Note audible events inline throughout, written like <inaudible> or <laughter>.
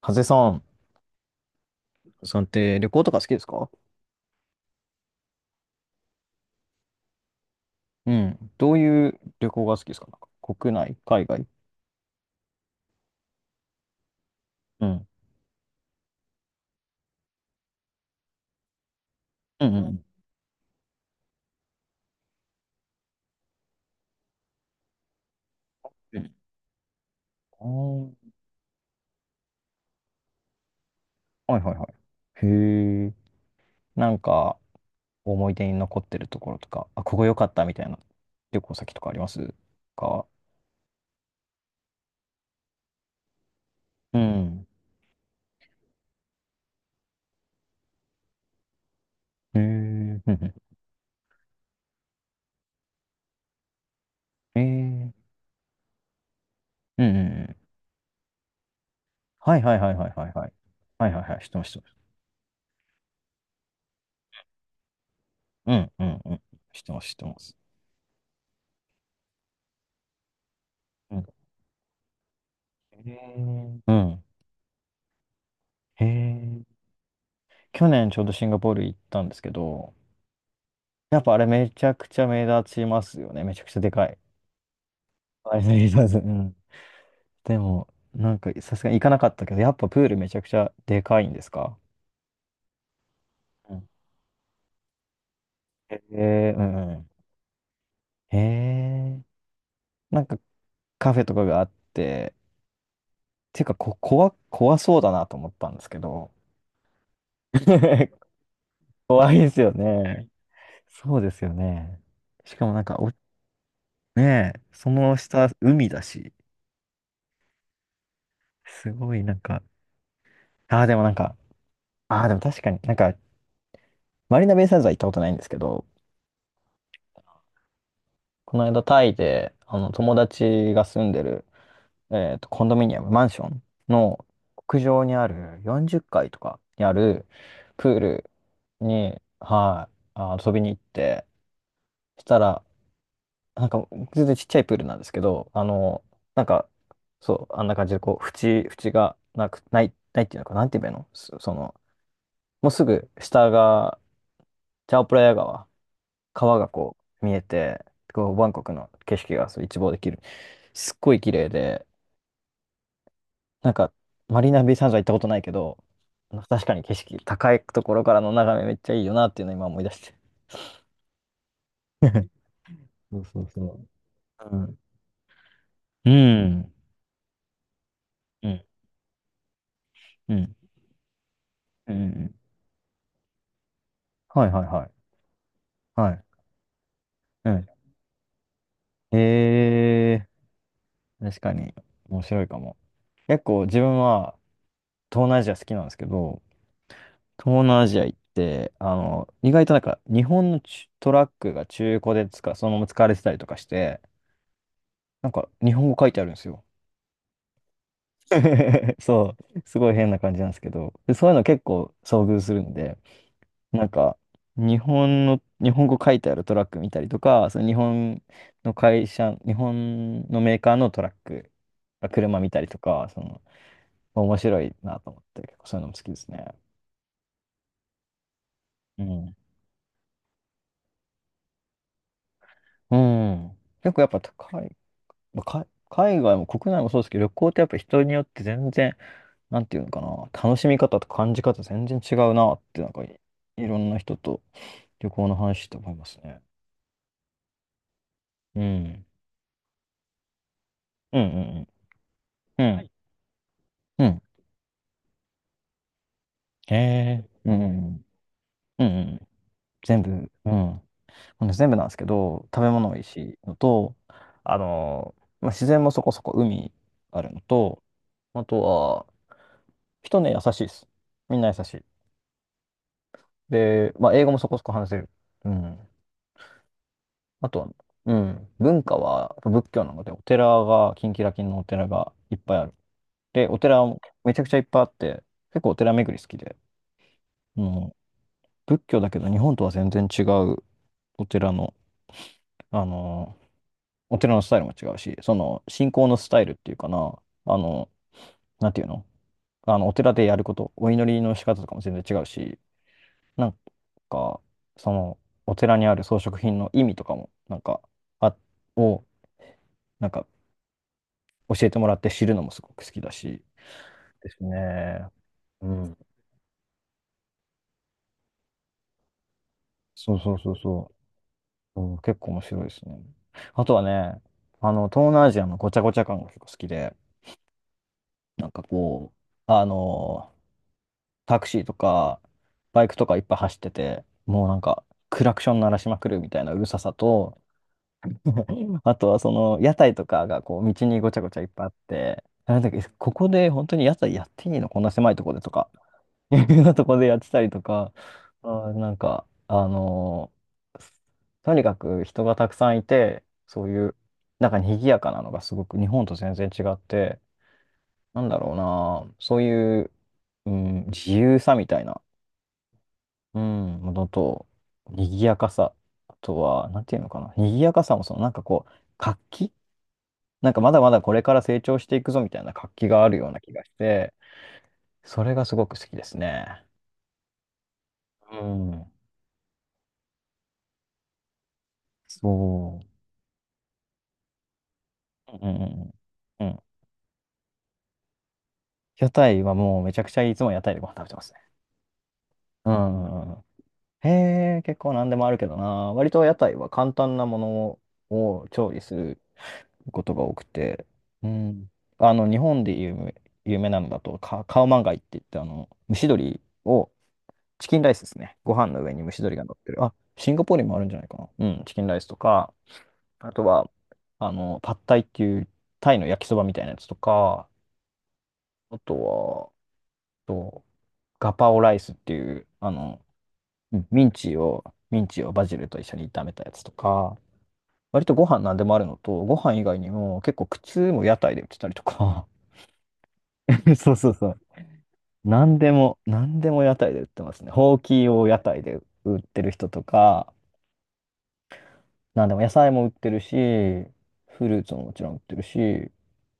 ハゼさんって旅行とか好きですか？うん。どういう旅行が好きですか？なんか国内、海外？うん。うんうんうん。うん。あー、はいはいはい。へえ。なんか、思い出に残ってるところとか、あ、ここ良かったみたいな旅行先とかありますか？うん。へえ。うんうん。へえー。うんうんうん。はいはいはいはいはいはい。はいはいはい。知ってます、知ってます。うんうんうん。知ってます、知ってます。うん。へえ。うん。へえ。去年ちょうどシンガポール行ったんですけど、やっぱあれめちゃくちゃ目立ちますよね。めちゃくちゃでかい。<laughs> はい、目立たず。うん。でも、なんかさすがに行かなかったけど、やっぱプールめちゃくちゃでかいんですか？うん。へえ、うんうん。へえ、なんかカフェとかがあって、ていうかこ、怖そうだなと思ったんですけど、<laughs> 怖いですよね。そうですよね。しかもなんか、お、ねえ、その下、海だし、すごいなんか、ああ、でもなんか、ああ、でも確かになんか、マリーナベイサンズは行ったことないんですけど、この間タイで、あの、友達が住んでる、えっと、コンドミニアム、マンションの屋上にある40階とかにあるプールに、はい、あ遊びに行って、そしたら、なんか、全然ちっちゃいプールなんですけど、あの、なんか、そう、あんな感じで、こう、縁がなく、ないっていうのか、なんて言えばいいのその、もうすぐ下が、チャオプラヤ川。川がこう見えて、こうバンコクの景色がそう一望できる。すっごい綺麗で、なんかマリーナベイサンズは行ったことないけど、確かに景色、高いところからの眺めめっちゃいいよなっていうのを今思い出して。<laughs> そうそうそう。うん。うん。うん。うん。うん。はいはいはい。はい。うん。えー、確かに面白いかも。結構自分は東南アジア好きなんですけど、東南アジア行って、あの、意外となんか日本のちゅトラックが中古で使う、そのまま使われてたりとかして、なんか日本語書いてあるんですよ。<laughs> そう、すごい変な感じなんですけど、で、そういうの結構遭遇するんで、なんか日本の、日本語書いてあるトラック見たりとか、その日本の会社、日本のメーカーのトラック、車見たりとか、その、面白いなと思って、結構そういうのも好きですね。うん。うん。結構やっぱ高い。まあか海外も国内もそうですけど、旅行ってやっぱ人によって全然、なんていうのかな、楽しみ方と感じ方全然違うなって、なんかい、いろんな人と旅行の話して思いますね。うん。うんうんうん。うん。はい。うん。へえ。うんうんうん。うんうん。全部、うん。ほんで全部なんですけど、食べ物おいしいしのと、あのー、まあ、自然もそこそこ海あるのと、あとは、人ね、優しいです。みんな優しい。で、まあ、英語もそこそこ話せる。うん。あとは、うん、文化は仏教なので、お寺が、キンキラキンのお寺がいっぱいある。で、お寺もめちゃくちゃいっぱいあって、結構お寺巡り好きで、うん、仏教だけど日本とは全然違うお寺の、あの、お寺のスタイルも違うし、その信仰のスタイルっていうかな、あの、なんていうの、あの、お寺でやること、お祈りの仕方とかも全然違うし、なんか、その、お寺にある装飾品の意味とかも、なんか、あ、を、なんか教えてもらって知るのもすごく好きだし。ですね。うん。そうそうそうそう。うん、結構面白いですね。あとはね、あの、東南アジアのごちゃごちゃ感が結構好きで、なんかこう、あの、タクシーとか、バイクとかいっぱい走ってて、もうなんか、クラクション鳴らしまくるみたいなうるささと、<laughs> あとはその屋台とかがこう道にごちゃごちゃいっぱいあって、なんだっけ、ここで本当に屋台やっていいのこんな狭いとこでとかいうようなとこでやってたりとか、あー、なんか、あのー、とにかく人がたくさんいて、そういう、なんか賑やかなのがすごく日本と全然違って、なんだろうな、そういう、うん、自由さみたいな、うん、ものと、賑やかさ、あとは、なんていうのかな、賑やかさもその、なんかこう、活気、なんかまだまだこれから成長していくぞみたいな活気があるような気がして、それがすごく好きですね。うん、そう。うんうんうんうん。屋台はもうめちゃくちゃいつも屋台でご飯食べてますね。うんうんうん。へえ、結構何でもあるけどな。割と屋台は簡単なものを調理することが多くて。うん。あの、日本で有名なのだと、カオマンガイって言って、あの、蒸し鶏を、チキンライスですね。ご飯の上に蒸し鶏が乗ってる。あ、シンガポールにもあるんじゃないかな。うん、チキンライスとか、あとは、あの、パッタイっていうタイの焼きそばみたいなやつとか、あとは、と、ガパオライスっていう、あの、ミンチをバジルと一緒に炒めたやつとか、割とご飯なんでもあるのと、ご飯以外にも結構靴も屋台で売ってたりとか、<laughs> そうそうそう。なんでも屋台で売ってますね。ほうきを屋台で売ってる人とか、なんでも野菜も売ってるし、フルーツももちろん売ってるし、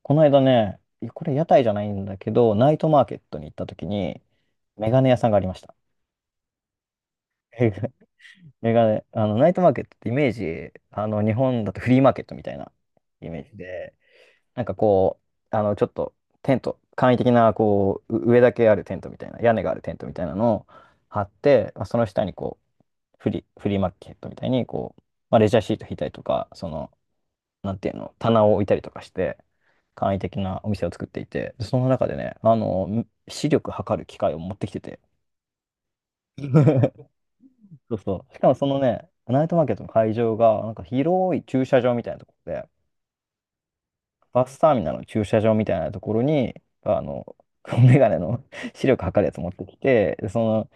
この間ね、いやこれ屋台じゃないんだけど、ナイトマーケットに行った時に、メガネ屋さんがありました。<laughs> メガネ、あの、ナイトマーケットってイメージ、あの、日本だとフリーマーケットみたいなイメージで、なんかこう、あの、ちょっとテント、簡易的な、こう、う上だけあるテントみたいな、屋根があるテントみたいなのを張って、まあ、その下にこう、フリーマーケットみたいに、こう、まあ、レジャーシート引いたりとか、その、なんていうの、棚を置いたりとかして、簡易的なお店を作っていて、その中でね、あの、視力測る機械を持ってきてて、そうそう。しかもそのね、ナイトマーケットの会場が、なんか広い駐車場みたいなところで、バスターミナルの駐車場みたいなところに、あの、<laughs> メガネの <laughs> 視力測るやつ持ってきて、でその、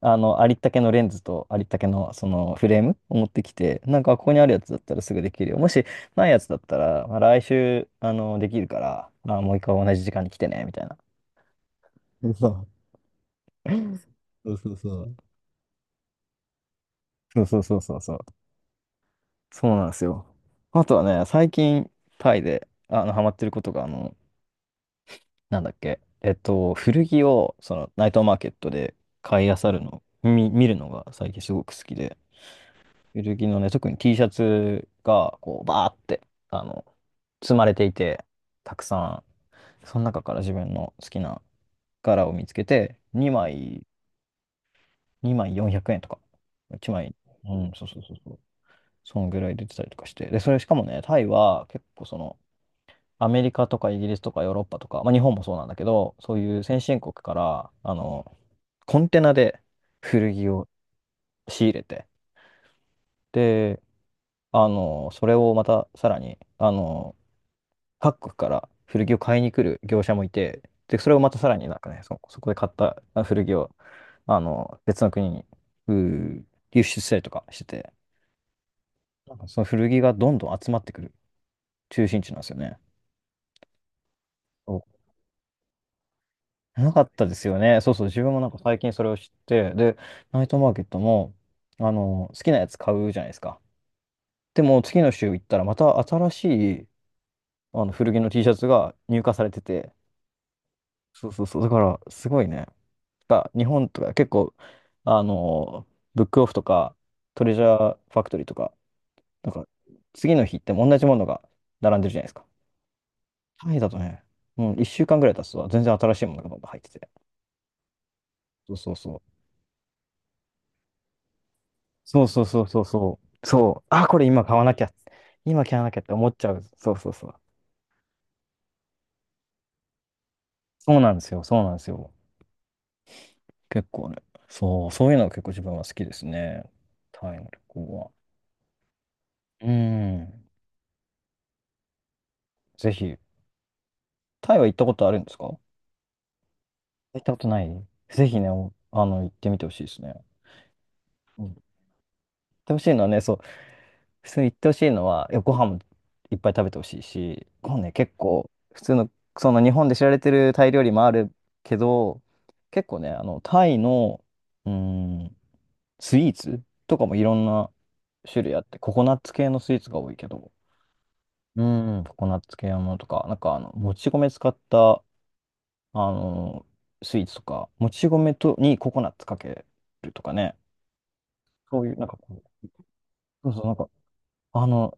あの、ありったけのレンズとありったけのそのフレームを持ってきて、なんかここにあるやつだったらすぐできるよ。もしないやつだったら、まあ、来週、できるから、まあ、もう一回同じ時間に来てね、みたいな。<laughs> そうそうそうそう。そうそうそうそうそう。そうなんですよ。あとはね、最近、タイで、ハマってることが、なんだっけ、古着を、ナイトマーケットで買い漁るの、見るのが最近すごく好きで、古着のね、特に T シャツが、こう、バーって、あの、積まれていて、たくさん、その中から自分の好きな柄を見つけて、2枚、2枚400円とか、1枚、うん、そうそうそうそう。そのぐらい出てたりとかして。で、それしかもね、タイは結構アメリカとかイギリスとかヨーロッパとか、まあ、日本もそうなんだけど、そういう先進国から、コンテナで古着を仕入れて、で、それをまたさらに、各国から古着を買いに来る業者もいて、で、それをまたさらになんかね、そこで買ったあ古着を、別の国に、うー輸出したりとかしてて、なんかその古着がどんどん集まってくる中心地なんですよね。なかったですよね。そうそう、自分もなんか最近それを知って、で、ナイトマーケットも、好きなやつ買うじゃないですか。でも、次の週行ったら、また新しい、古着の T シャツが入荷されてて、そうそうそう、だから、すごいね。が、日本とか結構、あの、ブックオフとか、トレジャーファクトリーとか、なんか、次の日行っても同じものが並んでるじゃないですか。タイだとね、うん、1週間ぐらい経つと、全然新しいものがどんどん入ってて。そうそうそう。そうそうそうそうそう。そう。あ、これ今買わなきゃ。今買わなきゃって思っちゃう。そうそうそう。そうなんですよ。そうなんですよ。結構ね。そう。そういうのが結構自分は好きですね。タイの旅行は。うん。ぜひ。タイは行ったことあるんですか？行ったことない、ぜひね、おあの、行ってみてほしいですね。うん、行ってほしいのはね、そう。普通に行ってほしいのは、いや、ご飯もいっぱい食べてほしいし、ご飯ね、結構、普通の、その日本で知られてるタイ料理もあるけど、結構ね、タイの、うーん、スイーツとかもいろんな種類あって、ココナッツ系のスイーツが多いけど、うん。ココナッツ系のものとか、なんか、もち米使った、あの、スイーツとか、もち米とにココナッツかけるとかね、そういう、なんかこう、そうそう、なんかあの、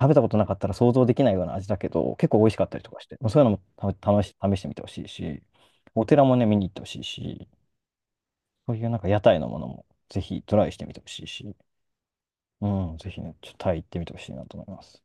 食べたことなかったら想像できないような味だけど、結構美味しかったりとかして、もうそういうのもた試し、試してみてほしいし、お寺もね、見に行ってほしいし、そういうなんか屋台のものもぜひトライしてみてほしいし、うん、ぜひね、ちょっとタイ行ってみてほしいなと思います。